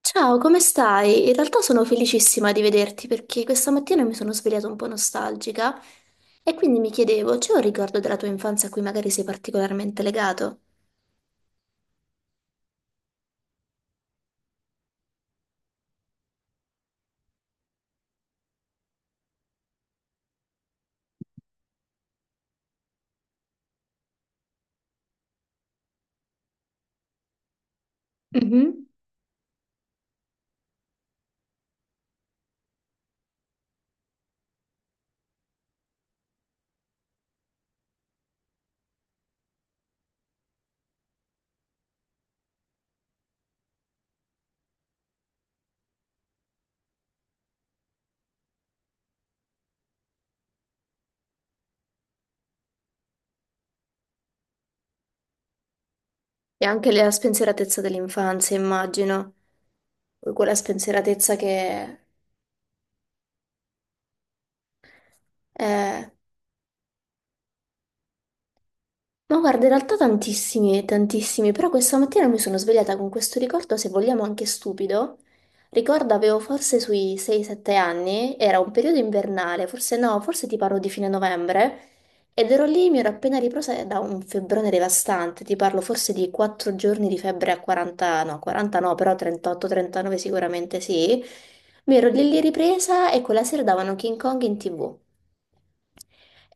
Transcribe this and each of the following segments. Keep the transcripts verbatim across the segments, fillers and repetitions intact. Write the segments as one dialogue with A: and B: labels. A: Ciao, come stai? In realtà sono felicissima di vederti perché questa mattina mi sono svegliata un po' nostalgica e quindi mi chiedevo, c'è un ricordo della tua infanzia a cui magari sei particolarmente legato? Mhm. E anche la spensieratezza dell'infanzia, immagino, quella spensieratezza che è... Ma guarda, in realtà tantissimi, tantissimi, però questa mattina mi sono svegliata con questo ricordo, se vogliamo anche stupido. Ricordo avevo forse sui sei sette anni, era un periodo invernale, forse no, forse ti parlo di fine novembre, ed ero lì, mi ero appena ripresa da un febbrone devastante, ti parlo forse di quattro giorni di febbre a quaranta, no, quaranta no, però trentotto trentanove sicuramente sì. Mi ero lì lì ripresa e quella sera davano King Kong in tivù.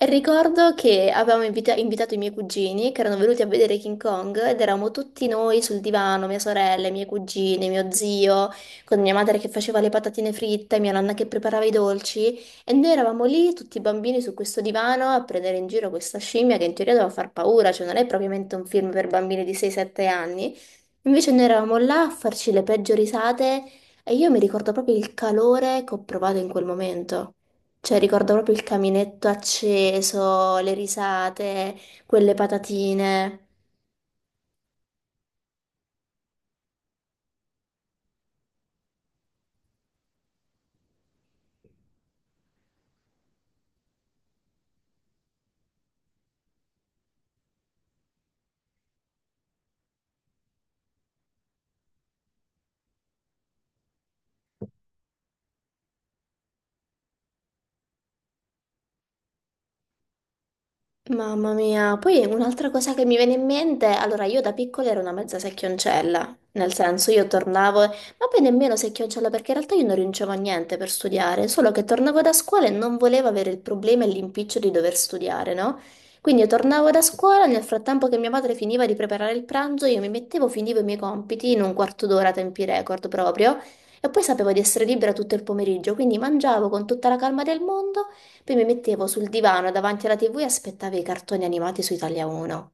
A: E ricordo che avevamo invita- invitato i miei cugini che erano venuti a vedere King Kong ed eravamo tutti noi sul divano, mia sorella, i miei cugini, mio zio, con mia madre che faceva le patatine fritte, mia nonna che preparava i dolci e noi eravamo lì tutti bambini su questo divano a prendere in giro questa scimmia che in teoria doveva far paura, cioè non è propriamente un film per bambini di sei sette anni. Invece noi eravamo là a farci le peggio risate e io mi ricordo proprio il calore che ho provato in quel momento. Cioè, ricordo proprio il caminetto acceso, le risate, quelle patatine. Mamma mia, poi un'altra cosa che mi viene in mente, allora io da piccola ero una mezza secchioncella, nel senso io tornavo, ma poi nemmeno secchioncella perché in realtà io non rincevo a niente per studiare, solo che tornavo da scuola e non volevo avere il problema e l'impiccio di dover studiare, no? Quindi io tornavo da scuola, nel frattempo che mia madre finiva di preparare il pranzo, io mi mettevo, finivo i miei compiti in un quarto d'ora, tempi record proprio, e poi sapevo di essere libera tutto il pomeriggio, quindi mangiavo con tutta la calma del mondo. Poi mi mettevo sul divano davanti alla ti vu e aspettavo i cartoni animati su Italia uno.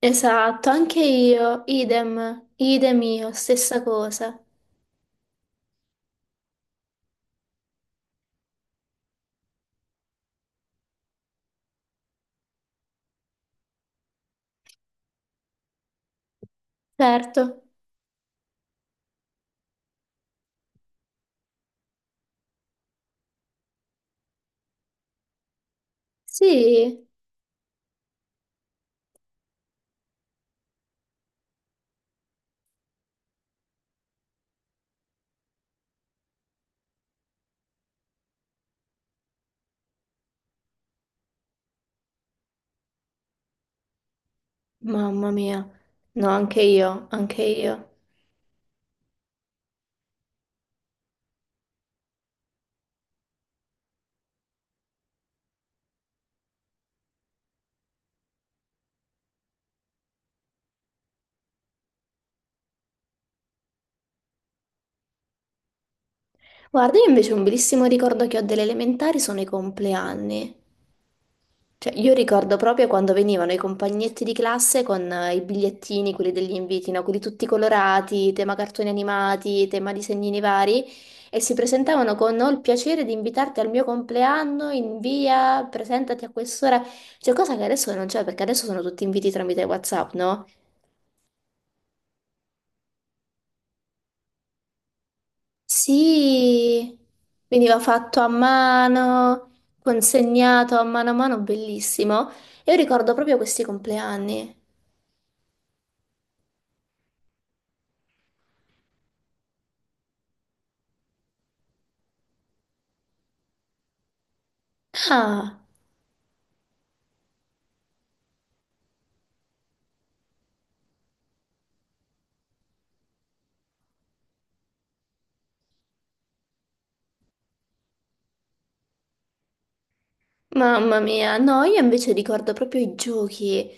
A: Esatto, anche io, idem, idem io, stessa cosa. Certo. Sì, mamma mia. No, anche io, anche io. Guarda, io invece un bellissimo ricordo che ho delle elementari sono i compleanni. Cioè, io ricordo proprio quando venivano i compagnetti di classe con eh, i bigliettini, quelli degli inviti, no? Quelli tutti colorati, tema cartoni animati, tema disegnini vari, e si presentavano con ho il piacere di invitarti al mio compleanno in via, presentati a quest'ora. Cioè, cosa che adesso non c'è, perché adesso sono tutti inviti tramite WhatsApp, no? Sì, veniva fatto a mano, consegnato a mano a mano, bellissimo. E io ricordo proprio questi compleanni. Ah! Mamma mia, no, io invece ricordo proprio i giochi,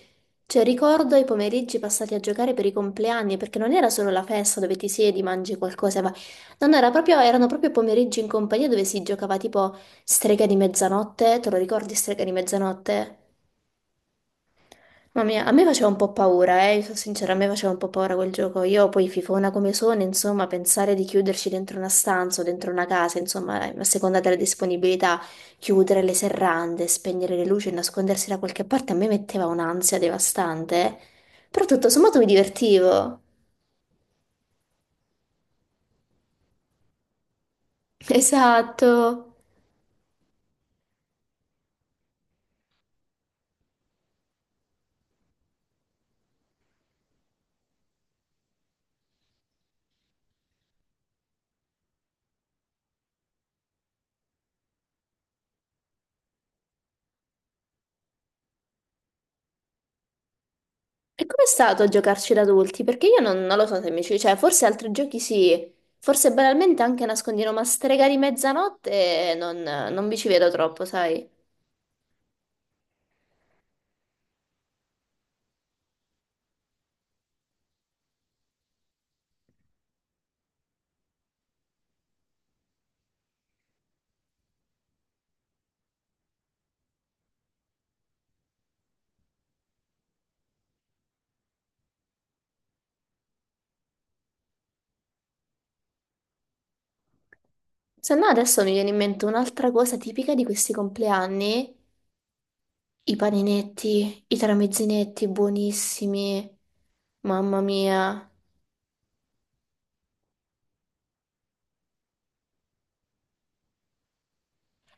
A: cioè ricordo i pomeriggi passati a giocare per i compleanni, perché non era solo la festa dove ti siedi, mangi qualcosa, ma non era proprio, erano proprio pomeriggi in compagnia dove si giocava tipo strega di mezzanotte, te lo ricordi strega di mezzanotte? Mamma mia, a me faceva un po' paura, eh, io sono sincera, a me faceva un po' paura quel gioco. Io poi fifona come sono, insomma, pensare di chiuderci dentro una stanza o dentro una casa, insomma, eh, a seconda della disponibilità, chiudere le serrande, spegnere le luci e nascondersi da qualche parte, a me metteva un'ansia devastante, eh. Però tutto sommato mi divertivo. Esatto. E com'è stato giocarci da adulti? Perché io non, non lo so se mi ci... Cioè, forse altri giochi sì, forse banalmente anche nascondino, ma Stregari Mezzanotte eh, non, non vi ci vedo troppo, sai? Se no adesso mi viene in mente un'altra cosa tipica di questi compleanni, i paninetti, i tramezzinetti buonissimi, mamma mia.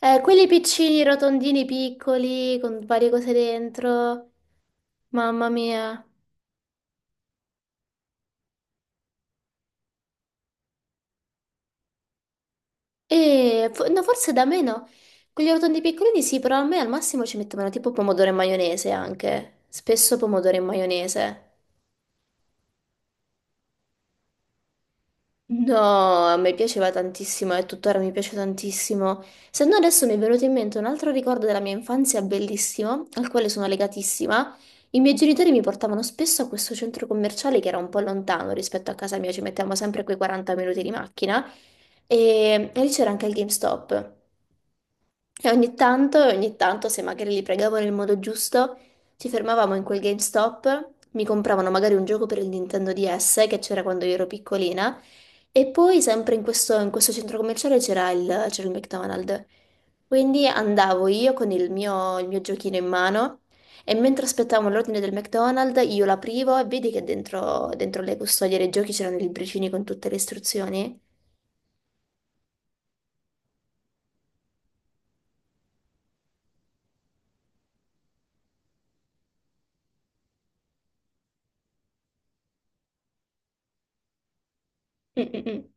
A: Eh, quelli piccini, rotondini, piccoli, con varie cose dentro, mamma mia. E fo- no, forse da me no. Quelli rotondi piccolini sì, però a me al massimo ci mettevano tipo pomodoro e maionese anche. Spesso pomodoro e maionese. No, a me piaceva tantissimo e tuttora mi piace tantissimo. Se no adesso mi è venuto in mente un altro ricordo della mia infanzia bellissimo, al quale sono legatissima. I miei genitori mi portavano spesso a questo centro commerciale che era un po' lontano rispetto a casa mia, ci mettevamo sempre quei quaranta minuti di macchina. E, e lì c'era anche il GameStop. E ogni tanto, ogni tanto, se magari li pregavo nel modo giusto, ci fermavamo in quel GameStop, mi compravano magari un gioco per il Nintendo D S che c'era quando io ero piccolina, e poi sempre in questo, in questo centro commerciale c'era il, c'era il McDonald's. Quindi andavo io con il mio, il mio giochino in mano e mentre aspettavo l'ordine del McDonald's io l'aprivo e vedi che dentro, dentro le custodie dei giochi c'erano i libricini con tutte le istruzioni. Mm, mm, mm.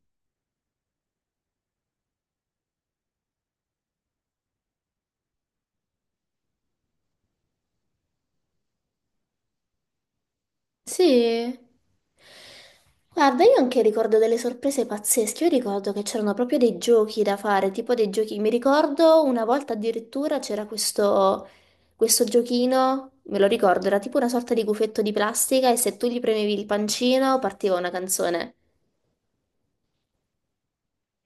A: Sì. Guarda, io anche ricordo delle sorprese pazzesche. Io ricordo che c'erano proprio dei giochi da fare, tipo dei giochi. Mi ricordo una volta addirittura c'era questo, questo giochino, me lo ricordo, era tipo una sorta di gufetto di plastica e se tu gli premevi il pancino partiva una canzone.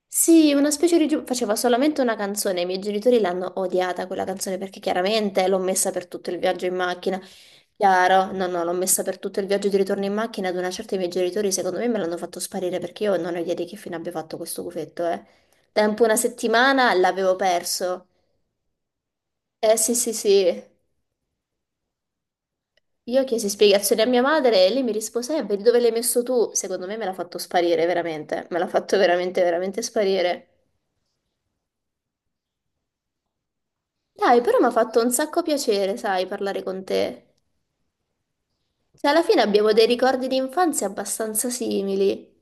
A: Sì, una specie di... giu- faceva solamente una canzone, i miei genitori l'hanno odiata quella canzone perché chiaramente l'ho messa per tutto il viaggio in macchina. Chiaro, no, no, l'ho messa per tutto il viaggio di ritorno in macchina, ad una certa i miei genitori secondo me me l'hanno fatto sparire perché io non ho idea di che fine abbia fatto questo gufetto, eh. Tempo una settimana l'avevo perso. Eh sì, sì, sì. Io chiesi spiegazioni a mia madre e lei mi rispose, eh, vedi dove l'hai messo tu? Secondo me me l'ha fatto sparire, veramente. Me l'ha fatto veramente, veramente sparire. Dai, però mi ha fatto un sacco piacere, sai, parlare con te. Cioè, alla fine abbiamo dei ricordi di infanzia abbastanza simili,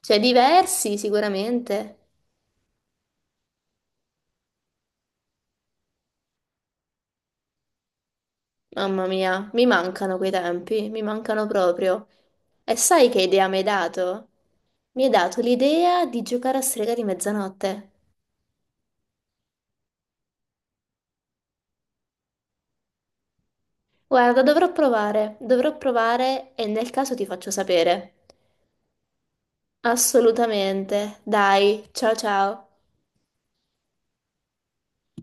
A: cioè diversi sicuramente. Mamma mia, mi mancano quei tempi, mi mancano proprio. E sai che idea mi hai dato? Mi hai dato l'idea di giocare a strega di mezzanotte. Guarda, dovrò provare, dovrò provare e nel caso ti faccio sapere. Assolutamente. Dai, ciao ciao.